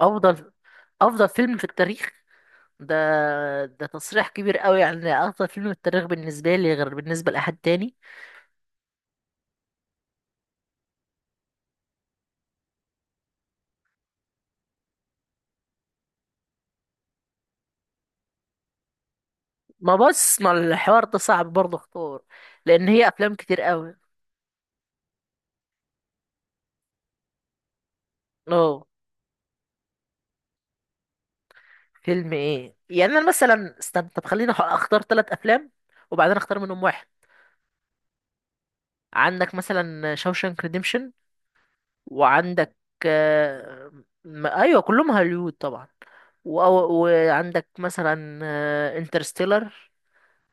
افضل افضل فيلم في التاريخ؟ ده ده تصريح كبير قوي. يعني افضل فيلم في التاريخ بالنسبه لي غير بالنسبه لاحد تاني. ما بص، ما الحوار ده صعب برضه اختار، لان هي افلام كتير قوي. اه، فيلم ايه يعني؟ انا مثلا استنى. طب خليني اختار ثلاث افلام وبعدين اختار منهم واحد. عندك مثلا شوشانك ريديمشن، وعندك آه، ايوه كلهم هوليوود طبعا. و- وعندك مثلا انترستيلر،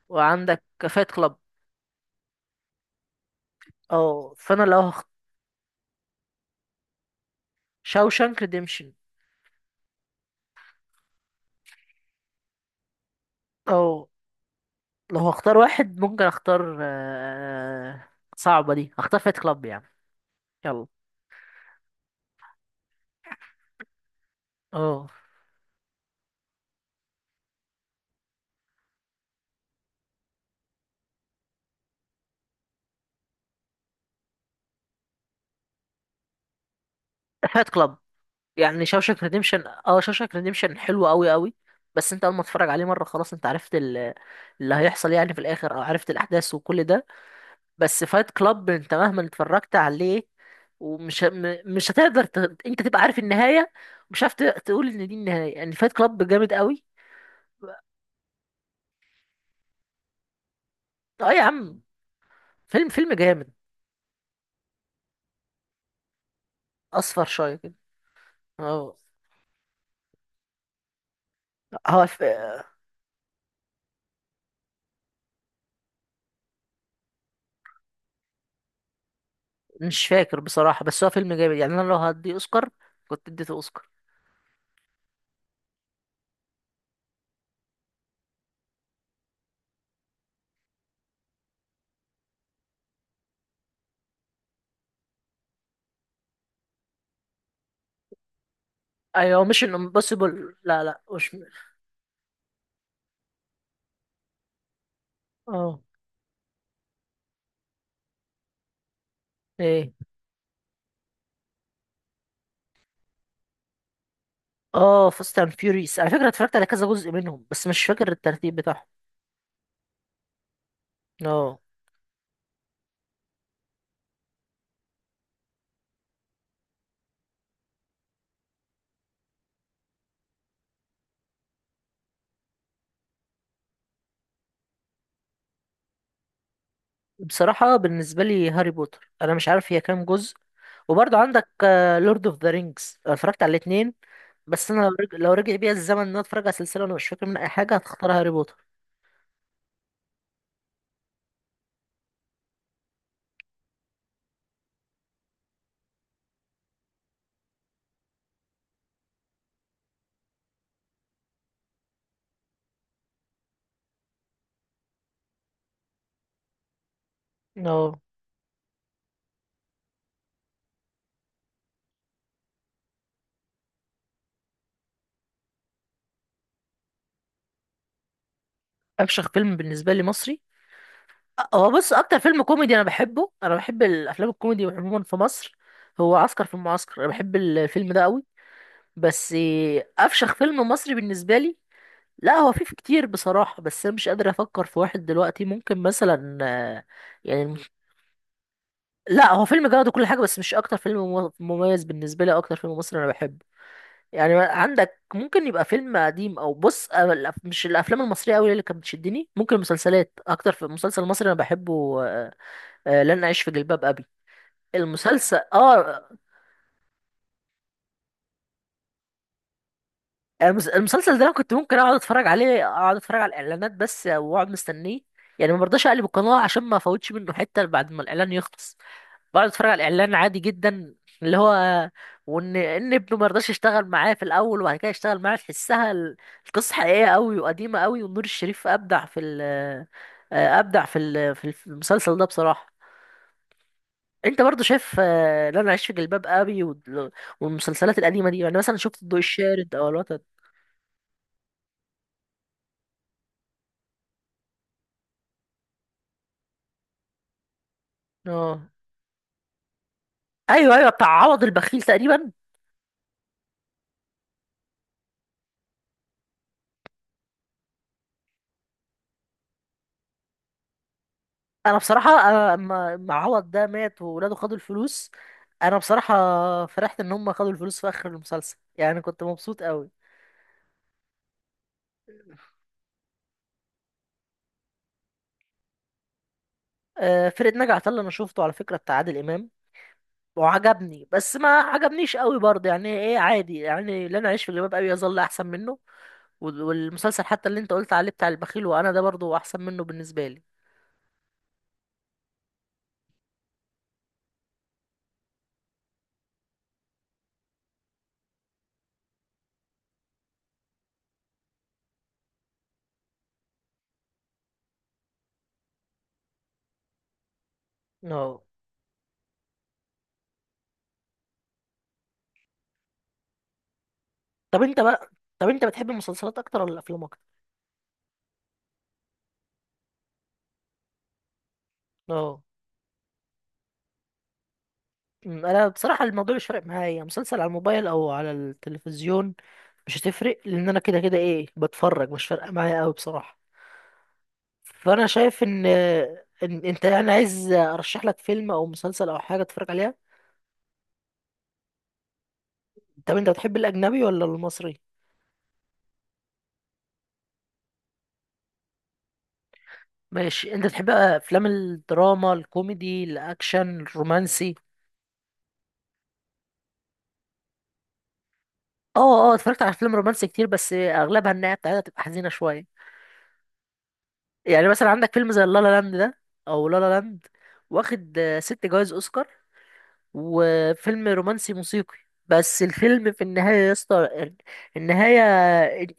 وعندك فايت كلاب. اه، فانا لو شاوشانك ريديمشن. او لو هختار واحد، ممكن اختار، صعبة دي. اختار فايت كلاب يعني. يلا. اه، فايت كلاب. يعني شاوشانك ريديمشن، اه، شاوشانك ريديمشن حلو قوي قوي. بس انت اول ما تتفرج عليه مره خلاص انت عرفت اللي هيحصل يعني في الاخر، او عرفت الاحداث وكل ده. بس فايت كلاب انت مهما اتفرجت عليه، ومش مش هتقدر انت تبقى عارف النهايه، مش عارف تقول ان دي النهايه. يعني فايت كلاب جامد قوي. اه يا عم، فيلم جامد. اصفر شويه كده. هو هو ف... مش فاكر بصراحه، بس هو فيلم جامد. يعني انا لو هدي اوسكار، كنت اديته اوسكار. ايوه، مش ان امبوسيبل. لا لا، مش. اه. ايه. اه، فاست اند فيوريس، على فكره اتفرجت على كذا جزء منهم بس مش فاكر الترتيب بتاعهم. اه. بصراحه بالنسبه لي هاري بوتر، انا مش عارف هي كام جزء. وبرضه عندك لورد اوف ذا رينجز، اتفرجت على الاثنين. بس انا لو لو رجع بيا الزمن ان انا اتفرج على سلسله وانا مش فاكر منها اي حاجه، هتختار هاري بوتر. اه. افشخ فيلم بالنسبه لي مصري؟ هو بص، اكتر فيلم كوميدي انا بحبه، انا بحب الافلام الكوميدي عموما في مصر، هو عسكر في المعسكر. انا بحب الفيلم ده قوي. بس افشخ فيلم مصري بالنسبه لي، لا هو في كتير بصراحه، بس انا مش قادر افكر في واحد دلوقتي. ممكن مثلا، يعني، لا هو فيلم جامد وكل حاجه، بس مش اكتر فيلم مميز بالنسبه لي، أو اكتر فيلم مصري انا بحبه. يعني عندك ممكن يبقى فيلم قديم، او بص، أنا مش الافلام المصريه قوي اللي كانت بتشدني، ممكن المسلسلات اكتر. في مسلسل مصري انا بحبه، لن اعيش في جلباب ابي. المسلسل، اه. المسلسل ده انا كنت ممكن اقعد اتفرج عليه، اقعد اتفرج على الاعلانات بس واقعد مستنيه. يعني ما برضاش اقلب القناه عشان ما افوتش منه حته، بعد ما الاعلان يخلص بقعد اتفرج على الاعلان عادي جدا. اللي هو وان ابنه ما رضاش يشتغل معاه في الاول، وبعد كده يشتغل معاه، تحسها القصه حقيقيه قوي وقديمه قوي. ونور الشريف ابدع في ال آه، ابدع في ال- في الف- المسلسل ده بصراحه. انت برضو شايف، لا انا عايش في جلباب ابي والمسلسلات القديمه دي. يعني مثلا شفت الضوء الشارد او الوتد؟ اه. ايوه ايوه، بتاع عوض البخيل تقريبا. انا بصراحه، انا لما عوض ده مات وولاده خدوا الفلوس، انا بصراحه فرحت ان هم خدوا الفلوس في اخر المسلسل. يعني كنت مبسوط قوي. فرقه ناجي عطا الله، انا شفته على فكره بتاع عادل امام، وعجبني بس ما عجبنيش قوي برضه، يعني ايه، عادي يعني. لا، انا اعيش في جلباب ابي يظل احسن منه. والمسلسل حتى اللي انت قلت عليه بتاع البخيل وانا ده، برضه احسن منه بالنسبه لي. اه. طب انت بقى، طب انت بتحب المسلسلات اكتر ولا الافلام اكتر؟ اه. انا بصراحه الموضوع مش فارق معايا، مسلسل على الموبايل او على التلفزيون مش هتفرق، لان انا كده كده ايه بتفرج، مش فارقه معايا قوي بصراحه. فانا شايف ان انت يعني عايز ارشح لك فيلم او مسلسل او حاجه تتفرج عليها. طب انت بتحب الاجنبي ولا المصري؟ ماشي، انت بتحب افلام الدراما، الكوميدي، الاكشن، الرومانسي؟ اه اه، اتفرجت على افلام رومانسي كتير بس اغلبها النهايه بتاعتها تبقى حزينه شويه. يعني مثلا عندك فيلم زي لالا لاند ده، او لالا لاند، واخد ست جوائز اوسكار، وفيلم رومانسي موسيقي. بس الفيلم في النهاية يا اسطى، النهاية،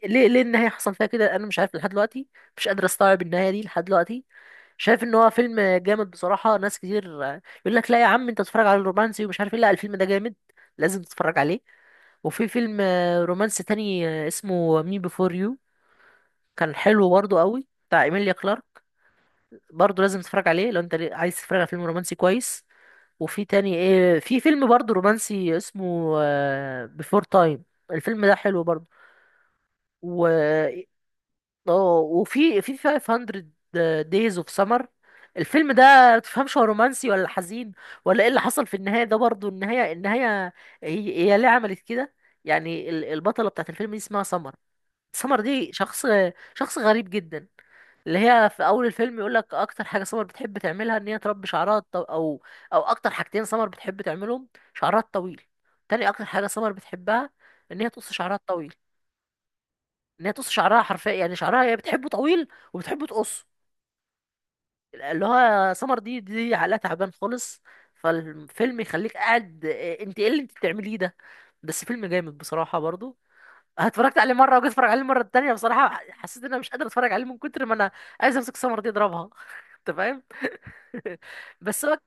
ليه، ليه النهاية حصل فيها كده؟ أنا مش عارف لحد دلوقتي، مش قادر أستوعب النهاية دي لحد دلوقتي. شايف إن هو فيلم جامد بصراحة. ناس كتير يقول لك لا يا عم، أنت تتفرج على الرومانسي ومش عارف إيه، لا الفيلم ده جامد، لازم تتفرج عليه. وفي فيلم رومانسي تاني اسمه مي بيفور يو، كان حلو برضه قوي، بتاع إيميليا كلارك. برضه لازم تتفرج عليه لو أنت عايز تتفرج على فيلم رومانسي كويس. وفي تاني ايه، في فيلم برضه رومانسي اسمه بيفور تايم، الفيلم ده حلو برضه. و اه وفي 500 دايز اوف سمر. الفيلم ده ما تفهمش هو رومانسي ولا حزين ولا ايه اللي حصل في النهايه ده، برضه النهايه، النهايه هي ليه عملت كده؟ يعني البطله بتاعت الفيلم دي اسمها سمر. سمر دي شخص غريب جدا. اللي هي في اول الفيلم يقول لك اكتر حاجه سمر بتحب تعملها ان هي تربي شعرها او، او اكتر حاجتين سمر بتحب تعملهم، شعرها الطويل، تاني اكتر حاجه سمر بتحبها ان هي تقص شعرها الطويل، ان هي تقص شعرها حرفيا. يعني شعرها هي بتحبه طويل وبتحبه تقصه. اللي هو سمر دي عقلها تعبان خالص. فالفيلم يخليك قاعد، إيه، انت ايه اللي انت بتعمليه ده؟ بس فيلم جامد بصراحه برضو. اتفرجت عليه مره وجيت اتفرج عليه المره التانيه، بصراحه حسيت ان انا مش قادر اتفرج عليه من كتر ما انا عايز امسك السمره دي اضربها انت فاهم؟ بس هو...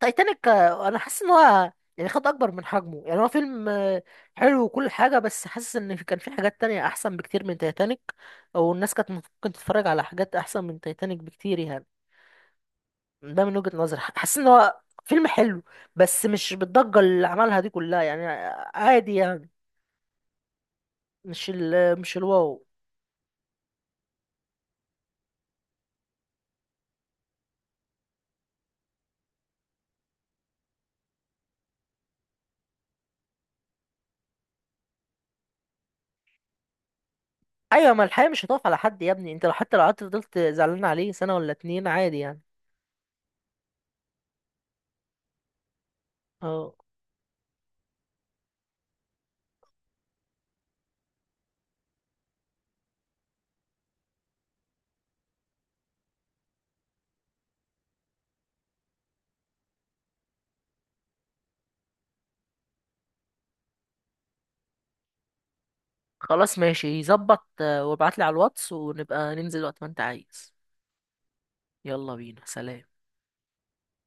تايتانيك، انا حاسس ان هو يعني خد اكبر من حجمه. يعني هو فيلم حلو وكل حاجه، بس حاسس ان كان في حاجات تانية احسن بكتير من تايتانيك، او الناس كانت ممكن تتفرج على حاجات احسن من تايتانيك بكتير يعني. ده من وجهه نظري، حاسس ان هو فيلم حلو، بس مش بالضجه اللي عملها دي كلها يعني. عادي يعني، مش ال، مش الواو. ايوه، ما الحياه مش هتقف على حد يا ابني. انت لو حتى لو قعدت فضلت زعلان عليه سنه ولا اتنين، عادي يعني. اه. خلاص ماشي، ظبط، وابعتلي على الواتس ونبقى ننزل وقت ما انت عايز. يلا بينا. سلام.